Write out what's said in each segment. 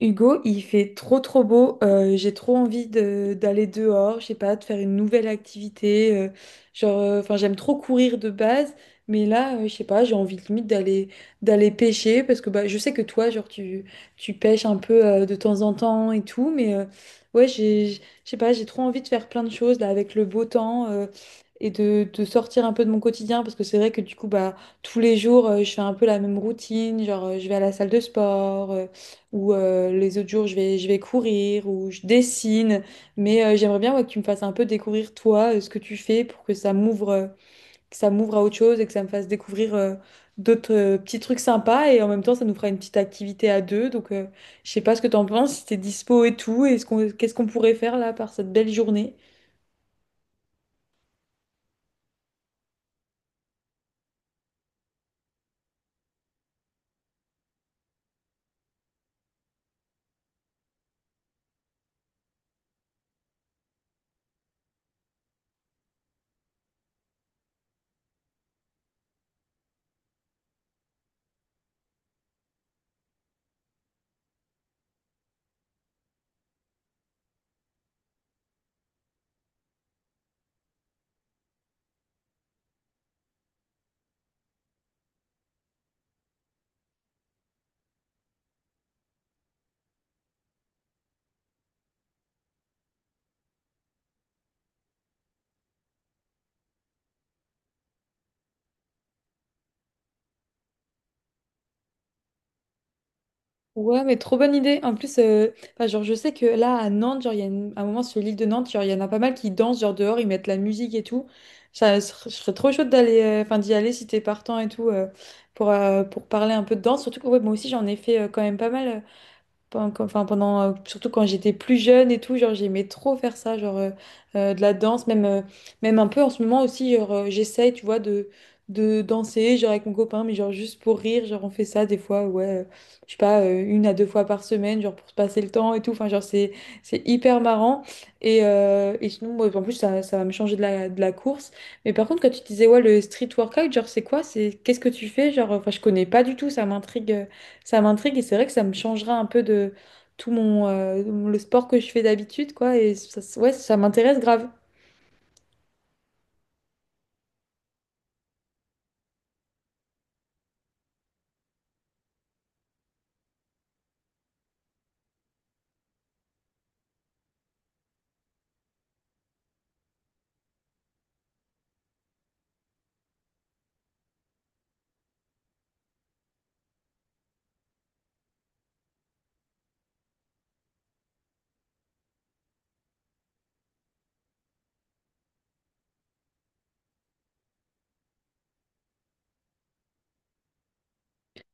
Hugo, il fait trop trop beau. J'ai trop envie d'aller dehors, je sais pas, de faire une nouvelle activité. Genre, enfin, j'aime trop courir de base, mais là, je sais pas, j'ai envie limite d'aller pêcher parce que bah, je sais que toi, genre, tu pêches un peu de temps en temps et tout, mais ouais, je sais pas, j'ai trop envie de faire plein de choses là avec le beau temps. Et de sortir un peu de mon quotidien parce que c'est vrai que du coup bah tous les jours je fais un peu la même routine genre je vais à la salle de sport ou les autres jours je vais courir ou je dessine. Mais j'aimerais bien ouais, que tu me fasses un peu découvrir toi, ce que tu fais pour que ça m'ouvre à autre chose et que ça me fasse découvrir d'autres petits trucs sympas. Et en même temps, ça nous fera une petite activité à deux. Donc je sais pas ce que t'en penses, si t'es dispo et tout, et qu'est-ce qu'on pourrait faire là par cette belle journée. Ouais, mais trop bonne idée. En plus, enfin, genre, je sais que là, à Nantes, genre, il y a un moment sur l'île de Nantes, genre, il y en a pas mal qui dansent, genre, dehors, ils mettent la musique et tout. Ça, je serais trop chaude enfin, d'y aller si t'es partant et tout, pour parler un peu de danse. Surtout que, ouais, moi aussi, j'en ai fait quand même pas mal. Enfin, pendant, surtout quand j'étais plus jeune et tout, genre j'aimais trop faire ça, genre de la danse, même un peu en ce moment aussi, genre j'essaye, tu vois, de danser, genre avec mon copain, mais genre juste pour rire, genre on fait ça des fois, ouais, je sais pas, une à deux fois par semaine, genre pour se passer le temps et tout, enfin genre c'est hyper marrant. Et sinon, moi, en plus, ça va me changer de la, course. Mais par contre, quand tu disais, ouais, le street workout, genre c'est quoi? Qu'est-ce que tu fais? Genre, enfin, je connais pas du tout, ça m'intrigue. Ça m'intrigue et c'est vrai que ça me changera un peu de tout mon le sport que je fais d'habitude, quoi. Et ça, ouais, ça m'intéresse grave.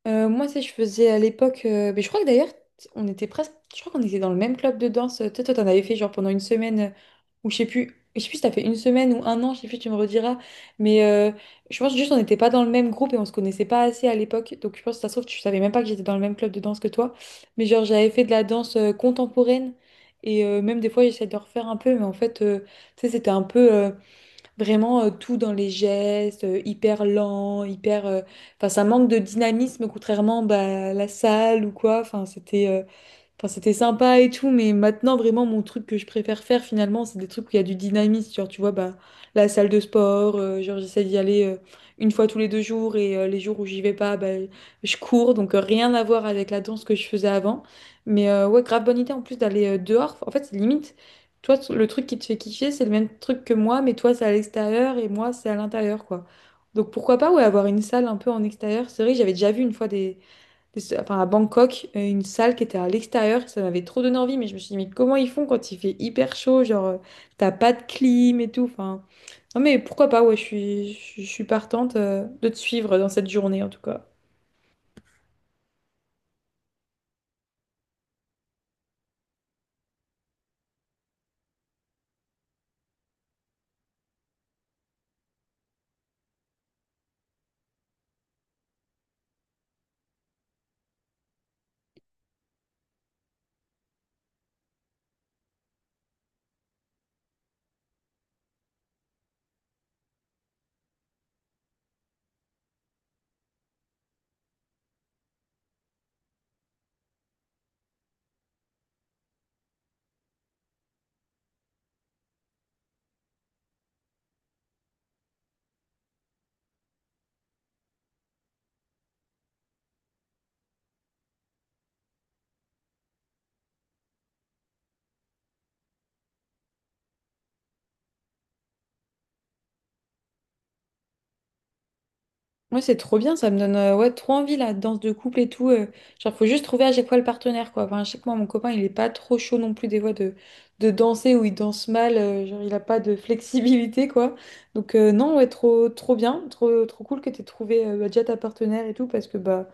Moi, si je faisais à l'époque, mais je crois que d'ailleurs, on était presque, je crois qu'on était dans le même club de danse. Toi, t'en avais fait genre pendant une semaine, ou je sais plus si t'as fait une semaine ou un an, je sais plus, tu me rediras. Mais je pense juste on n'était pas dans le même groupe et on se connaissait pas assez à l'époque. Donc je pense que ça se trouve, tu savais même pas que j'étais dans le même club de danse que toi. Mais genre, j'avais fait de la danse contemporaine et même des fois, j'essayais de le refaire un peu, mais en fait, tu sais, c'était un peu, vraiment, tout dans les gestes, hyper lent, hyper, enfin, ça manque de dynamisme, contrairement bah, à la salle ou quoi. Enfin, c'était sympa et tout, mais maintenant, vraiment, mon truc que je préfère faire, finalement, c'est des trucs où il y a du dynamisme. Genre, tu vois, bah, la salle de sport, genre, j'essaie d'y aller une fois tous les 2 jours et les jours où j'y vais pas, bah, je cours. Donc, rien à voir avec la danse que je faisais avant. Mais ouais, grave bonne idée en plus d'aller dehors. En fait, c'est limite, toi, le truc qui te fait kiffer, c'est le même truc que moi, mais toi, c'est à l'extérieur et moi, c'est à l'intérieur, quoi. Donc, pourquoi pas, ouais, avoir une salle un peu en extérieur. C'est vrai, j'avais déjà vu une fois des enfin, à Bangkok, une salle qui était à l'extérieur. Ça m'avait trop donné envie, mais je me suis dit, mais comment ils font quand il fait hyper chaud? Genre, t'as pas de clim et tout. Enfin, non, mais pourquoi pas, ouais, je suis partante, de te suivre dans cette journée en tout cas. Ouais, c'est trop bien, ça me donne ouais, trop envie la danse de couple et tout. Genre, faut juste trouver à chaque fois le partenaire, quoi. Enfin, à chaque fois, mon copain, il est pas trop chaud non plus des fois de, danser ou il danse mal, genre, il a pas de flexibilité, quoi. Donc, non, ouais, trop, trop bien, trop, trop cool que t'aies trouvé bah, déjà ta partenaire et tout, parce que bah,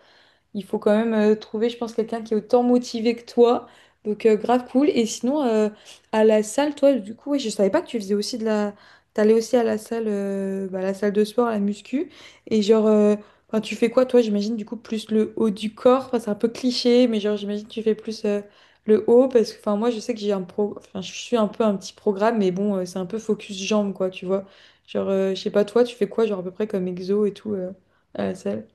il faut quand même trouver, je pense, quelqu'un qui est autant motivé que toi. Donc, grave cool. Et sinon, à la salle, toi, du coup, ouais, je savais pas que tu faisais aussi T'allais aussi à la salle, bah, la salle de sport, à la muscu. Et genre, enfin, tu fais quoi, toi, j'imagine, du coup, plus le haut du corps. Enfin, c'est un peu cliché, mais genre, j'imagine que tu fais plus le haut. Parce que, enfin, moi, je sais que j'ai enfin, je suis un peu un petit programme, mais bon, c'est un peu focus jambes, quoi, tu vois. Genre, je sais pas, toi, tu fais quoi, genre, à peu près comme exo et tout à la salle?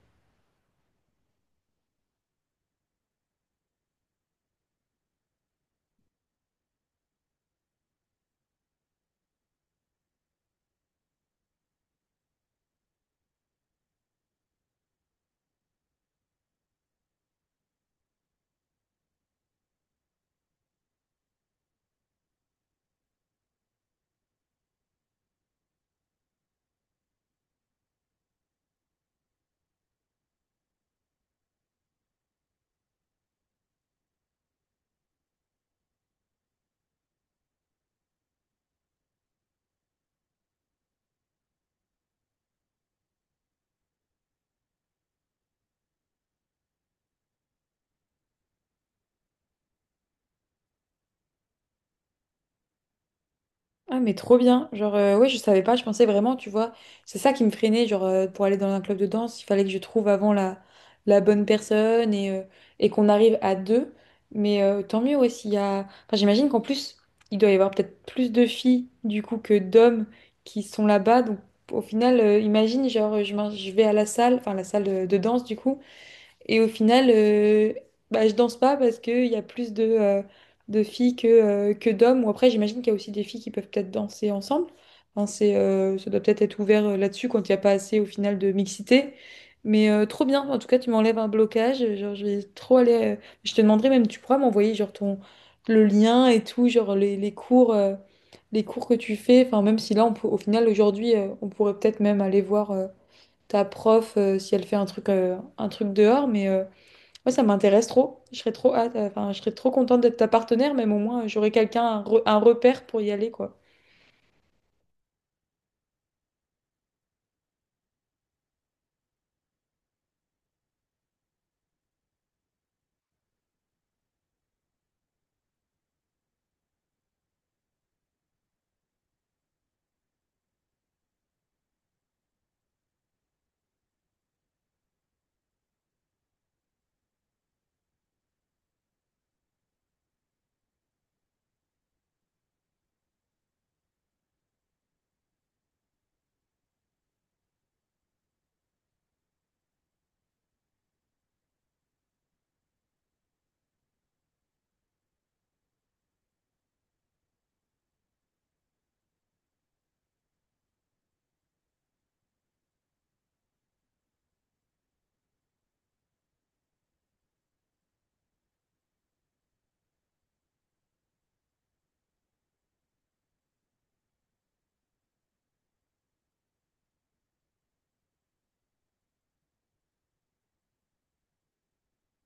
Ah mais trop bien. Genre ouais, je savais pas, je pensais vraiment, tu vois, c'est ça qui me freinait genre pour aller dans un club de danse, il fallait que je trouve avant la bonne personne et qu'on arrive à deux. Mais tant mieux ouais, s'il y a enfin j'imagine qu'en plus, il doit y avoir peut-être plus de filles du coup que d'hommes qui sont là-bas donc au final imagine genre je vais à la salle, enfin la salle de danse du coup et au final, bah, je danse pas parce qu'il y a plus de filles que d'hommes. Ou après, j'imagine qu'il y a aussi des filles qui peuvent peut-être danser ensemble. Enfin, ça doit peut-être être ouvert là-dessus quand il n'y a pas assez au final de mixité. Mais trop bien, en tout cas, tu m'enlèves un blocage. Genre, je vais trop aller. Je te demanderai même, tu pourras m'envoyer genre ton le lien et tout, genre les cours que tu fais. Enfin, même si là, on peut, au final, aujourd'hui, on pourrait peut-être même aller voir. Ta prof si elle fait un truc dehors. Mais moi, ça m'intéresse trop. Je serais trop hâte, enfin, je serais trop contente d'être ta partenaire, même au moins, j'aurais quelqu'un, un repère pour y aller, quoi.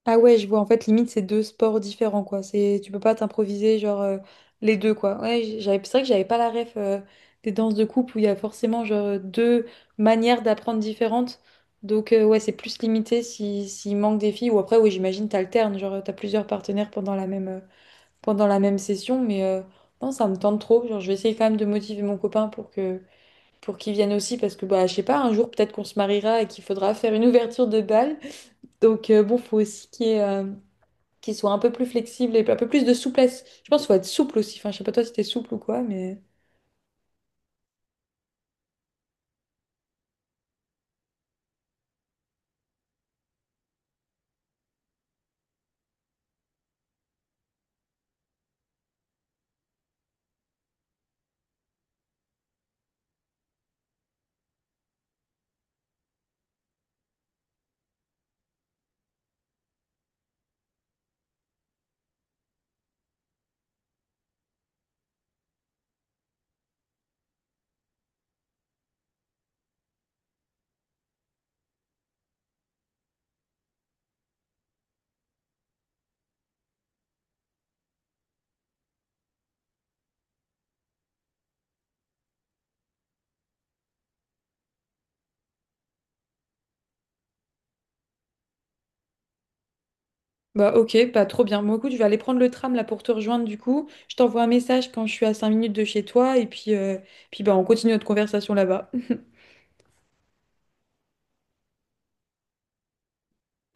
Ah ouais, je vois, en fait, limite, c'est deux sports différents, quoi. Tu peux pas t'improviser, genre, les deux, quoi. Ouais, c'est vrai que j'avais pas la ref des danses de couple où il y a forcément, genre, deux manières d'apprendre différentes. Donc, ouais, c'est plus limité si, s'il manque des filles. Ou après, oui, j'imagine, t'alternes, genre, t'as plusieurs partenaires pendant la même session, mais non, ça me tente trop. Genre, je vais essayer quand même de motiver mon copain pour qu'il vienne aussi, parce que bah, je sais pas, un jour peut-être qu'on se mariera et qu'il faudra faire une ouverture de bal. Donc bon, faut aussi qu'il soit un peu plus flexible et un peu plus de souplesse. Je pense qu'il faut être souple aussi. Enfin, je sais pas toi si t'es souple ou quoi, mais. Bah ok, pas trop bien. Moi, écoute, je vais aller prendre le tram là pour te rejoindre du coup. Je t'envoie un message quand je suis à 5 minutes de chez toi et puis bah, on continue notre conversation là-bas.